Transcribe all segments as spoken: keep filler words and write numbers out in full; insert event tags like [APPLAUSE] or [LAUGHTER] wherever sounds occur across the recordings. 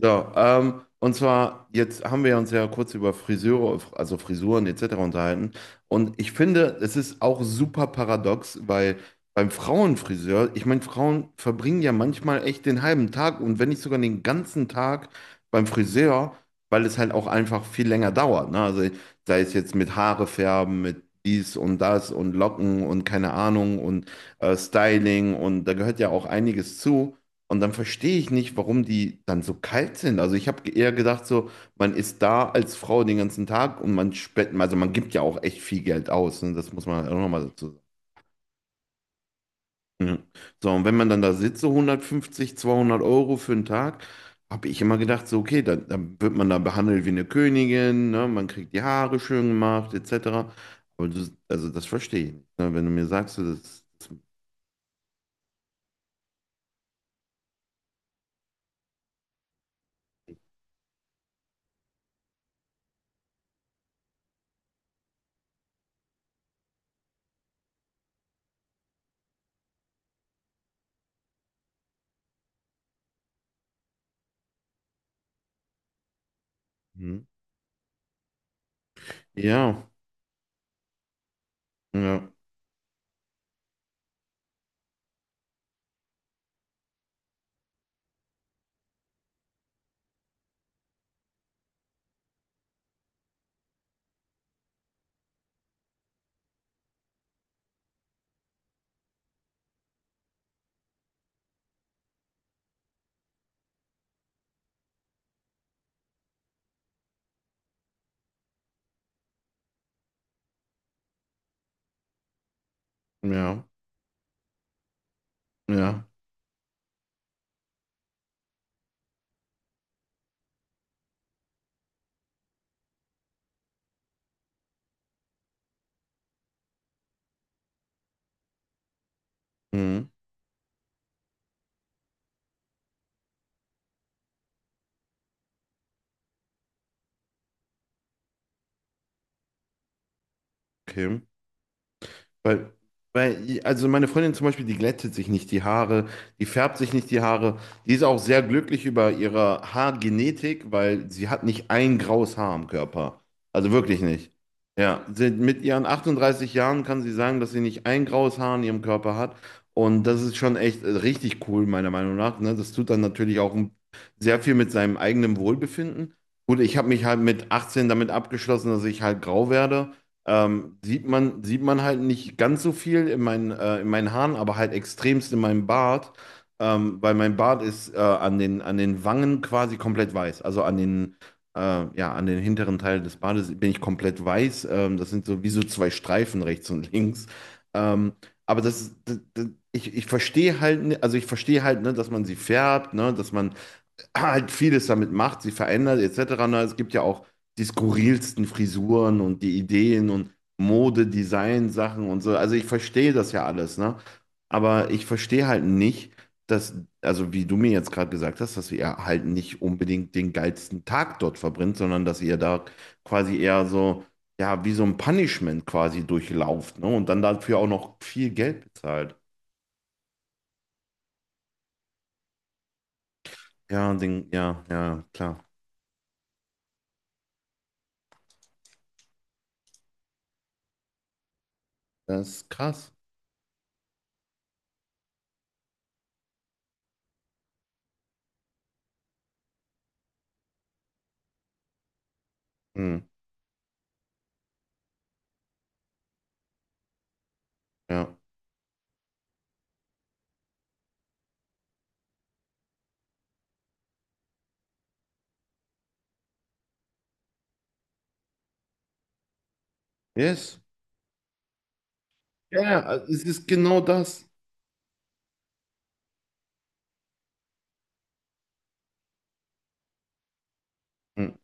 So, ähm, und zwar, jetzt haben wir uns ja kurz über Friseure, also Frisuren et cetera unterhalten. Und ich finde, es ist auch super paradox, weil beim Frauenfriseur, ich meine, Frauen verbringen ja manchmal echt den halben Tag und wenn nicht sogar den ganzen Tag beim Friseur, weil es halt auch einfach viel länger dauert. Ne? Also sei es jetzt mit Haare färben, mit dies und das und Locken und keine Ahnung und äh, Styling und da gehört ja auch einiges zu. Und dann verstehe ich nicht, warum die dann so kalt sind. Also ich habe eher gedacht, so, man ist da als Frau den ganzen Tag und man spenden, also man gibt ja auch echt viel Geld aus. Ne? Das muss man halt auch nochmal dazu sagen. Mhm. So, und wenn man dann da sitzt, so hundertfünfzig, zweihundert Euro für einen Tag, habe ich immer gedacht, so, okay, dann, dann wird man da behandelt wie eine Königin, ne? Man kriegt die Haare schön gemacht, et cetera. Aber du, also das verstehe ich nicht. Ne? Wenn du mir sagst, so, das, das, mhm. Ja, ja, ja, ja, mhm. Okay. Weil, weil, also meine Freundin zum Beispiel, die glättet sich nicht die Haare, die färbt sich nicht die Haare. Die ist auch sehr glücklich über ihre Haargenetik, weil sie hat nicht ein graues Haar am Körper. Also wirklich nicht. Ja, sie, mit ihren achtunddreißig Jahren kann sie sagen, dass sie nicht ein graues Haar an ihrem Körper hat. Und das ist schon echt äh, richtig cool, meiner Meinung nach. Ne? Das tut dann natürlich auch ein- sehr viel mit seinem eigenen Wohlbefinden. Gut, ich habe mich halt mit achtzehn damit abgeschlossen, dass ich halt grau werde. Ähm, sieht man, sieht man halt nicht ganz so viel in meinen, äh, in meinen Haaren, aber halt extremst in meinem Bart, ähm, weil mein Bart ist äh, an den, an den Wangen quasi komplett weiß. Also an den, äh, ja, an den hinteren Teil des Bartes bin ich komplett weiß. Ähm, das sind so wie so zwei Streifen rechts und links. Ähm, aber das, das, das ich, ich verstehe halt, ne- also ich verstehe halt, ne, dass man sie färbt, ne, dass man halt vieles damit macht, sie verändert et cetera. Na, es gibt ja auch die skurrilsten Frisuren und die Ideen und Mode, Design, Sachen und so. Also ich verstehe das ja alles, ne? Aber ich verstehe halt nicht, dass, also wie du mir jetzt gerade gesagt hast, dass ihr halt nicht unbedingt den geilsten Tag dort verbringt, sondern dass ihr da quasi eher so, ja, wie so ein Punishment quasi durchlauft, ne? Und dann dafür auch noch viel Geld bezahlt. Ja, den, ja, ja, klar. Das ist krass. Hm, ja. Yes. Ja, ja, es ist genau das. Hm.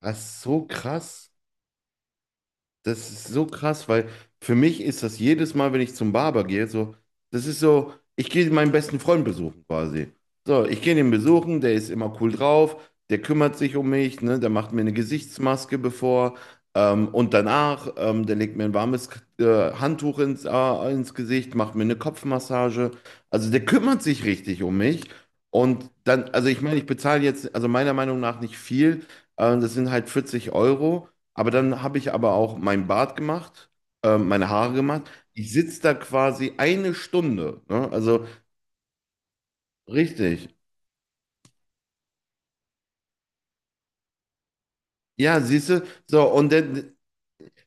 Das ist so krass. Das ist so krass, weil für mich ist das jedes Mal, wenn ich zum Barber gehe, so, das ist so, ich gehe meinen besten Freund besuchen quasi. So, ich gehe ihn besuchen, der ist immer cool drauf, der kümmert sich um mich, ne, der macht mir eine Gesichtsmaske bevor ähm, und danach, ähm, der legt mir ein warmes äh, Handtuch ins, äh, ins Gesicht, macht mir eine Kopfmassage. Also der kümmert sich richtig um mich. Und dann, also ich meine, ich bezahle jetzt, also meiner Meinung nach nicht viel, äh, das sind halt vierzig Euro. Aber dann habe ich aber auch mein Bart gemacht, äh, meine Haare gemacht. Ich sitze da quasi eine Stunde. Ne? Also richtig. Ja, siehst du, so und dann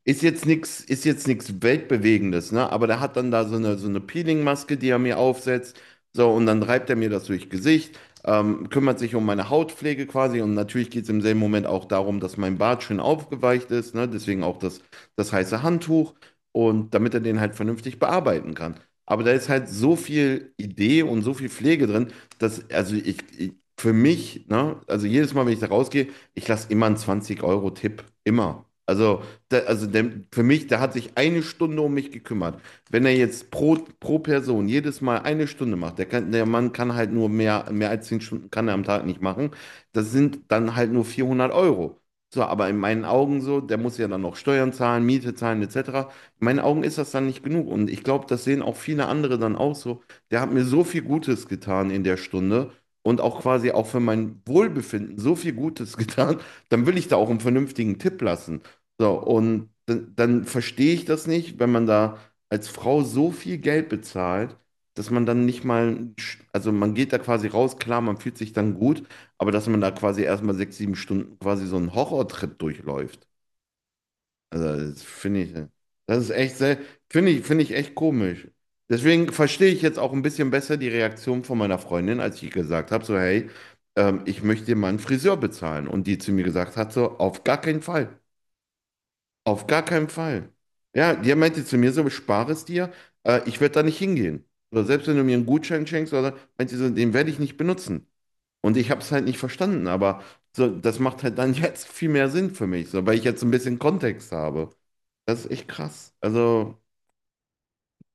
Ist jetzt nichts, ist jetzt nichts Weltbewegendes, ne? Aber der hat dann da so eine, so eine Peeling-Maske, die er mir aufsetzt. So, und dann reibt er mir das durchs Gesicht, ähm, kümmert sich um meine Hautpflege quasi. Und natürlich geht es im selben Moment auch darum, dass mein Bart schön aufgeweicht ist, ne? Deswegen auch das, das heiße Handtuch. Und damit er den halt vernünftig bearbeiten kann. Aber da ist halt so viel Idee und so viel Pflege drin, dass, also ich, ich für mich, ne? Also jedes Mal, wenn ich da rausgehe, ich lasse immer einen zwanzig euro Tipp Immer. Also da, also der, für mich, der hat sich eine Stunde um mich gekümmert. Wenn er jetzt pro, pro Person jedes Mal eine Stunde macht, der kann, der Mann kann halt nur mehr, mehr als zehn Stunden kann er am Tag nicht machen. Das sind dann halt nur vierhundert Euro. So, aber in meinen Augen so, der muss ja dann noch Steuern zahlen, Miete zahlen, et cetera. In meinen Augen ist das dann nicht genug. Und ich glaube, das sehen auch viele andere dann auch so. Der hat mir so viel Gutes getan in der Stunde und auch quasi auch für mein Wohlbefinden so viel Gutes [LAUGHS] getan, dann will ich da auch einen vernünftigen Tipp lassen. So, und dann, dann verstehe ich das nicht, wenn man da als Frau so viel Geld bezahlt, dass man dann nicht mal, also man geht da quasi raus, klar, man fühlt sich dann gut, aber dass man da quasi erstmal sechs, sieben Stunden quasi so einen Horrortrip durchläuft. Also, das finde ich, das ist echt sehr, finde ich, finde ich echt komisch. Deswegen verstehe ich jetzt auch ein bisschen besser die Reaktion von meiner Freundin, als ich gesagt habe, so, hey, ähm, ich möchte dir mal einen Friseur bezahlen. Und die zu mir gesagt hat, so, auf gar keinen Fall. Auf gar keinen Fall. Ja, der meinte zu mir so, spare es dir, äh, ich werde da nicht hingehen. Oder selbst wenn du mir einen Gutschein schenkst, oder so, meinte sie so, den werde ich nicht benutzen. Und ich habe es halt nicht verstanden, aber so, das macht halt dann [LAUGHS] jetzt viel mehr Sinn für mich, so, weil ich jetzt so ein bisschen Kontext habe. Das ist echt krass. Also,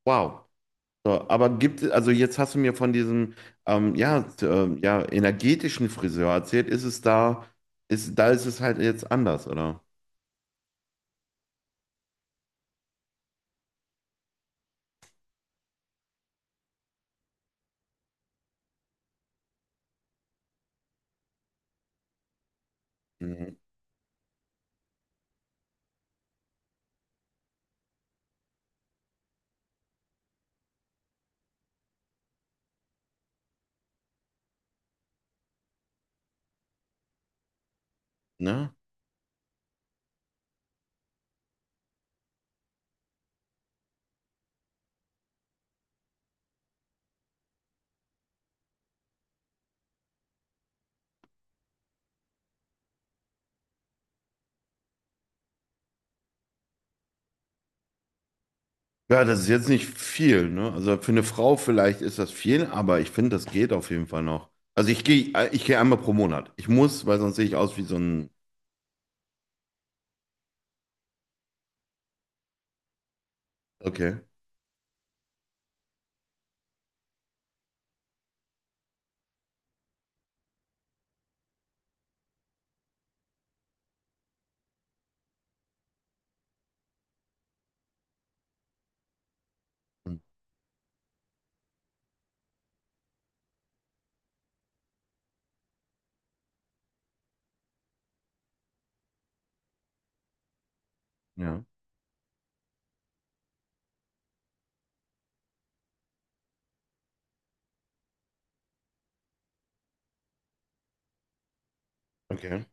wow. So, aber gibt es, also jetzt hast du mir von diesem ähm, ja, t- ähm, ja, energetischen Friseur erzählt, ist es da, ist, da ist es halt jetzt anders, oder? Mhm. Ne? Ja, das ist jetzt nicht viel, ne? Also für eine Frau vielleicht ist das viel, aber ich finde, das geht auf jeden Fall noch. Also ich gehe, ich gehe einmal pro Monat. Ich muss, weil sonst sehe ich aus wie so ein. Okay. Hm, ja. Okay.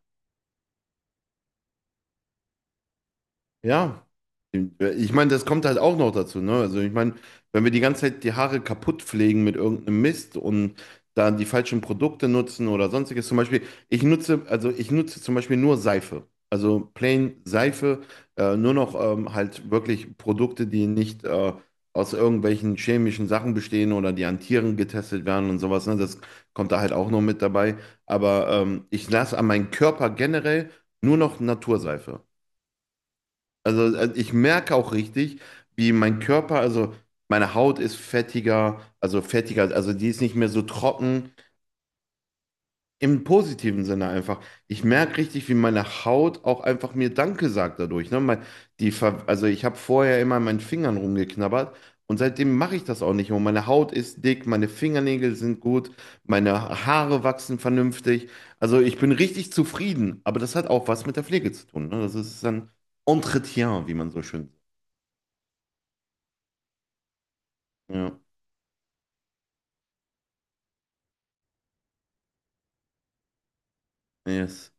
Ja, ich meine, das kommt halt auch noch dazu, ne? Also ich meine, wenn wir die ganze Zeit die Haare kaputt pflegen mit irgendeinem Mist und dann die falschen Produkte nutzen oder sonstiges, zum Beispiel, ich nutze, also ich nutze zum Beispiel nur Seife, also plain Seife, äh, nur noch ähm, halt wirklich Produkte, die nicht äh, aus irgendwelchen chemischen Sachen bestehen oder die an Tieren getestet werden und sowas, ne? Das kommt da halt auch noch mit dabei, aber ähm, ich lasse an meinen Körper generell nur noch Naturseife. Also, also ich merke auch richtig, wie mein Körper, also meine Haut ist fettiger, also fettiger, also die ist nicht mehr so trocken, im positiven Sinne einfach. Ich merke richtig, wie meine Haut auch einfach mir Danke sagt dadurch. Ne? Mein, die, ver- also ich habe vorher immer an meinen Fingern rumgeknabbert und seitdem mache ich das auch nicht mehr. Und meine Haut ist dick, meine Fingernägel sind gut, meine Haare wachsen vernünftig. Also ich bin richtig zufrieden, aber das hat auch was mit der Pflege zu tun. Ne? Das ist dann Entretien, wie man so schön. Ja, yes.